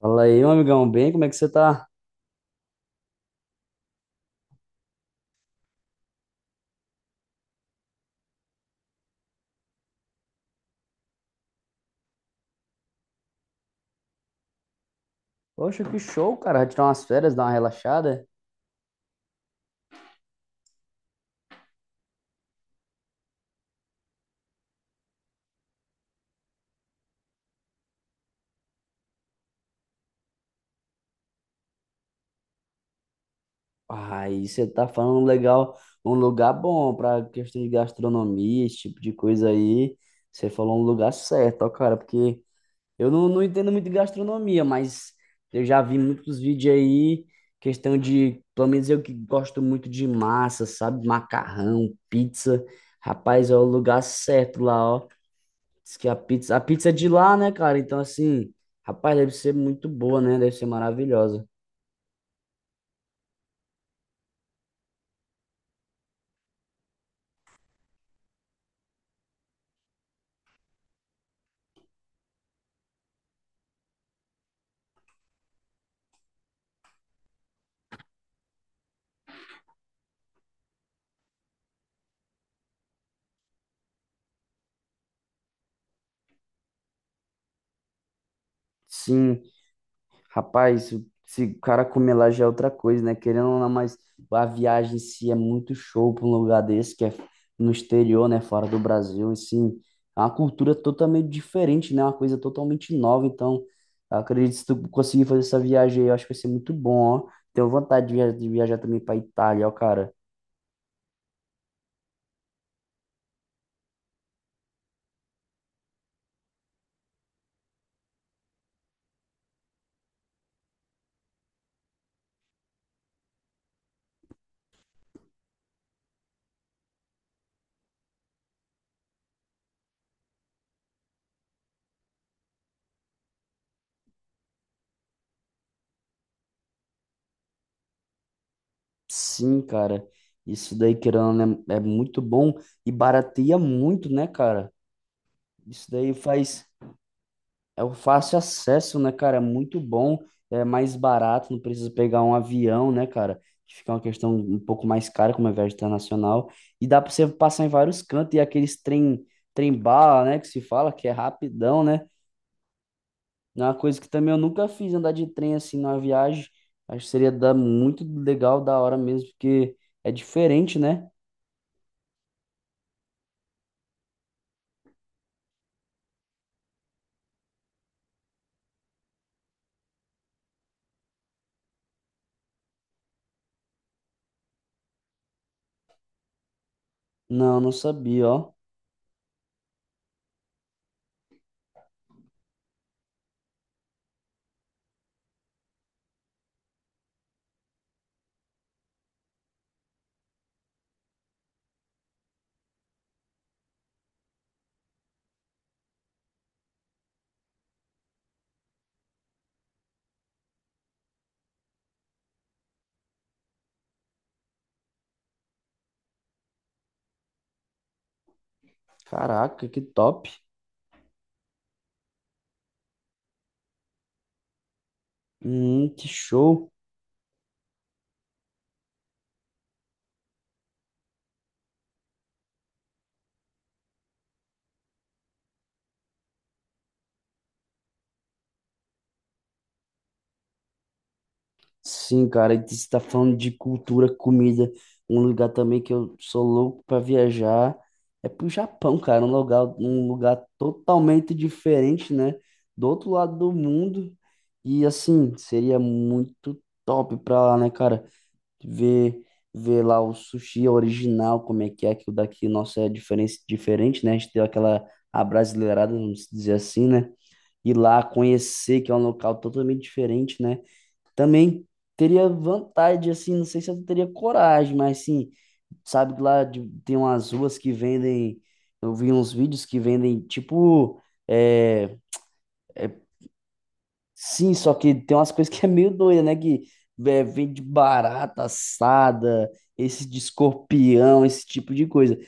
Fala aí, meu amigão, bem? Como é que você tá? Poxa, que show, cara. Vai tirar umas férias, dar uma relaxada? Aí você tá falando legal, um lugar bom pra questão de gastronomia, esse tipo de coisa aí. Você falou um lugar certo, ó, cara, porque eu não entendo muito de gastronomia, mas eu já vi muitos vídeos aí, questão de, pelo menos eu que gosto muito de massa, sabe? Macarrão, pizza. Rapaz, é o lugar certo lá, ó. Diz que a pizza é de lá, né, cara? Então, assim, rapaz, deve ser muito boa, né? Deve ser maravilhosa. Sim, rapaz, se o cara comer lá já é outra coisa, né? Querendo ou não, mas a viagem em si é muito show pra um lugar desse, que é no exterior, né? Fora do Brasil, assim. É uma cultura totalmente diferente, né? Uma coisa totalmente nova. Então, eu acredito que se tu conseguir fazer essa viagem aí, eu acho que vai ser muito bom, ó. Tenho vontade de viajar, também pra Itália, ó, cara. Sim, cara. Isso daí, querendo ou não, é muito bom e barateia muito, né, cara? Isso daí faz. É o fácil acesso, né, cara? É muito bom, é mais barato, não precisa pegar um avião, né, cara? Que fica uma questão um pouco mais cara, como é viagem internacional. E dá pra você passar em vários cantos e aqueles trem, trem bala, né, que se fala, que é rapidão, né? É uma coisa que também eu nunca fiz, andar de trem assim numa viagem. Acho que seria dar muito legal, da hora mesmo, porque é diferente, né? Não, não sabia, ó. Caraca, que top. Que show. Sim, cara, e você está falando de cultura, comida. Um lugar também que eu sou louco para viajar é pro Japão, cara. Um lugar totalmente diferente, né? Do outro lado do mundo. E assim, seria muito top pra lá, né, cara? Ver, ver lá o sushi original, como é, que o daqui, nosso é diferente, né? A gente deu aquela abrasileirada, vamos dizer assim, né? Ir lá conhecer, que é um local totalmente diferente, né? Também teria vontade, assim, não sei se eu teria coragem, mas sim, sabe que tem umas ruas que vendem, eu vi uns vídeos que vendem, tipo, é, é, sim, só que tem umas coisas que é meio doida, né? Que é, vende barata assada, esse de escorpião, esse tipo de coisa.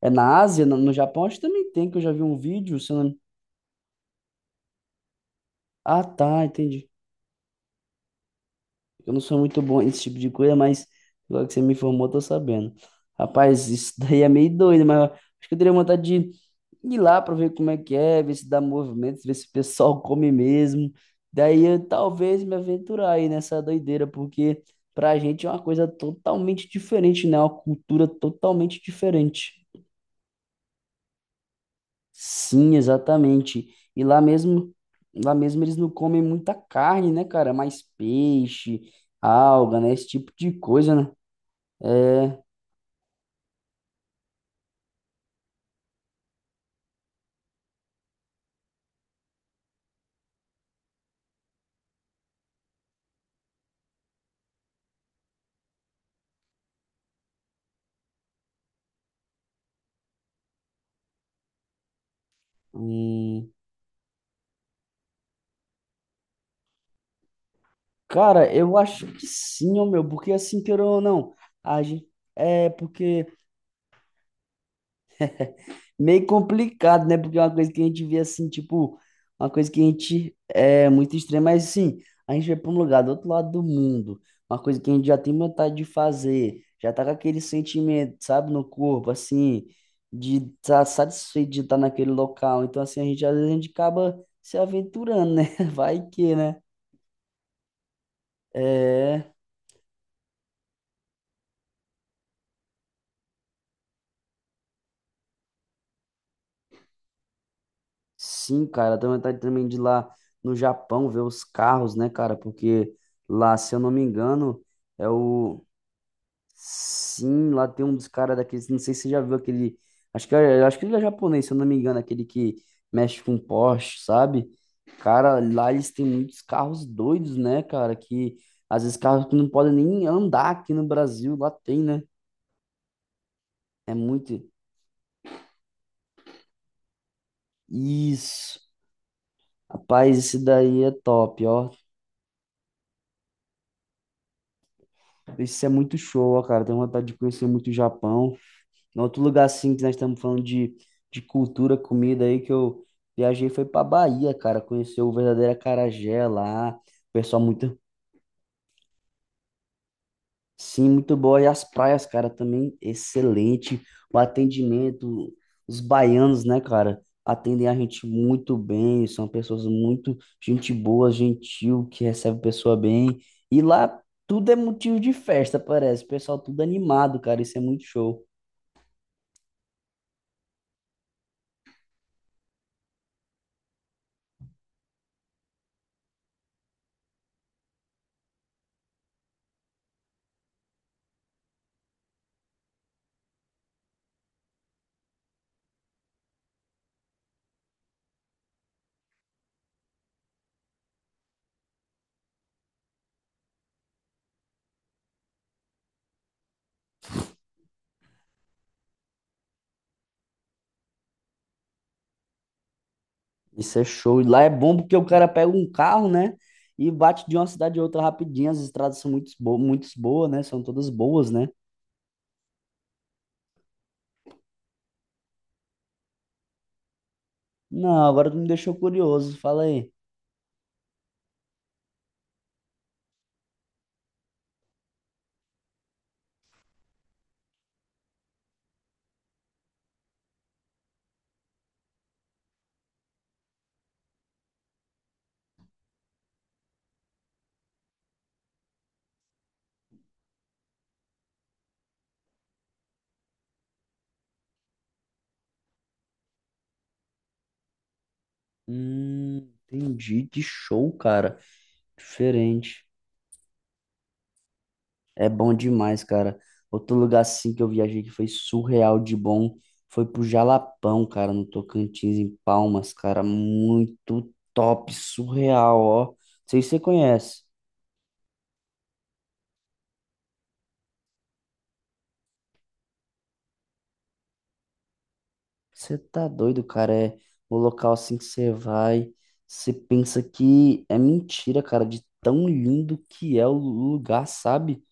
É na Ásia, no Japão, acho que também tem, que eu já vi um vídeo, se eu não... Ah, tá, entendi. Eu não sou muito bom nesse tipo de coisa, mas agora que você me informou, eu tô sabendo. Rapaz, isso daí é meio doido, mas acho que eu teria vontade de ir lá para ver como é que é, ver se dá movimento, ver se o pessoal come mesmo. Daí eu talvez me aventurar aí nessa doideira, porque pra gente é uma coisa totalmente diferente, né? Uma cultura totalmente diferente. Sim, exatamente. E lá mesmo eles não comem muita carne, né, cara? Mais peixe, alga, né? Esse tipo de coisa, né? É, hum, cara, eu acho que sim, ô meu, porque assim, querendo ou não, a gente, é porque meio complicado, né? Porque é uma coisa que a gente vê assim, tipo, uma coisa que a gente é muito extrema, mas assim, a gente vai para um lugar do outro lado do mundo, uma coisa que a gente já tem vontade de fazer, já tá com aquele sentimento, sabe, no corpo, assim, de estar satisfeito de estar naquele local. Então, assim, a gente às vezes a gente acaba se aventurando, né? Vai que, né? É. Sim, cara, também vontade também de ir lá no Japão ver os carros, né, cara? Porque lá, se eu não me engano, é o. Sim, lá tem um dos caras daqueles. Não sei se você já viu aquele. Acho que, acho que ele é japonês, se eu não me engano, aquele que mexe com Porsche, sabe? Cara, lá eles têm muitos carros doidos, né, cara? Que às vezes carros que não podem nem andar aqui no Brasil, lá tem, né? É muito. Isso. Rapaz, esse daí é top, ó. Isso é muito show, ó, cara. Tenho vontade de conhecer muito o Japão. Em outro lugar, assim, que nós estamos falando de cultura, comida aí, que eu viajei foi pra Bahia, cara. Conhecer o verdadeiro acarajé lá. O pessoal muito, sim, muito boa. E as praias, cara, também excelente. O atendimento, os baianos, né, cara, atendem a gente muito bem. São pessoas muito gente boa, gentil, que recebe a pessoa bem. E lá tudo é motivo de festa, parece. O pessoal tudo animado, cara. Isso é muito show. Isso é show. E lá é bom porque o cara pega um carro, né, e bate de uma cidade a outra rapidinho. As estradas são muito boas, né? São todas boas, né? Não, agora tu me deixou curioso. Fala aí. Entendi. Que show, cara. Diferente. É bom demais, cara. Outro lugar assim que eu viajei que foi surreal de bom foi pro Jalapão, cara, no Tocantins, em Palmas, cara. Muito top, surreal, ó. Não sei se você conhece. Você tá doido, cara. É o local assim que você vai. Você pensa que é mentira, cara, de tão lindo que é o lugar, sabe?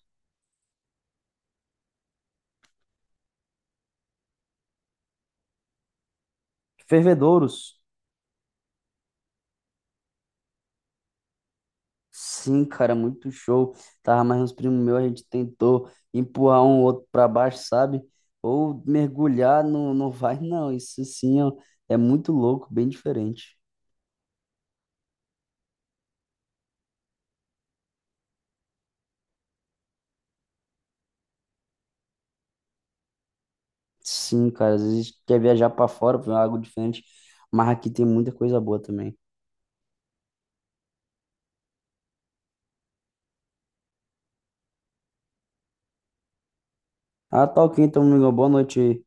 Fervedouros. Sim, cara, muito show. Tava mais uns primos meus, a gente tentou empurrar um outro pra baixo, sabe? Ou mergulhar, não, não vai, não. Isso sim, ó, é muito louco, bem diferente. Sim, cara, às vezes quer viajar pra fora, pra algo diferente, mas aqui tem muita coisa boa também. Ah, tá ok, então, amigo, boa noite.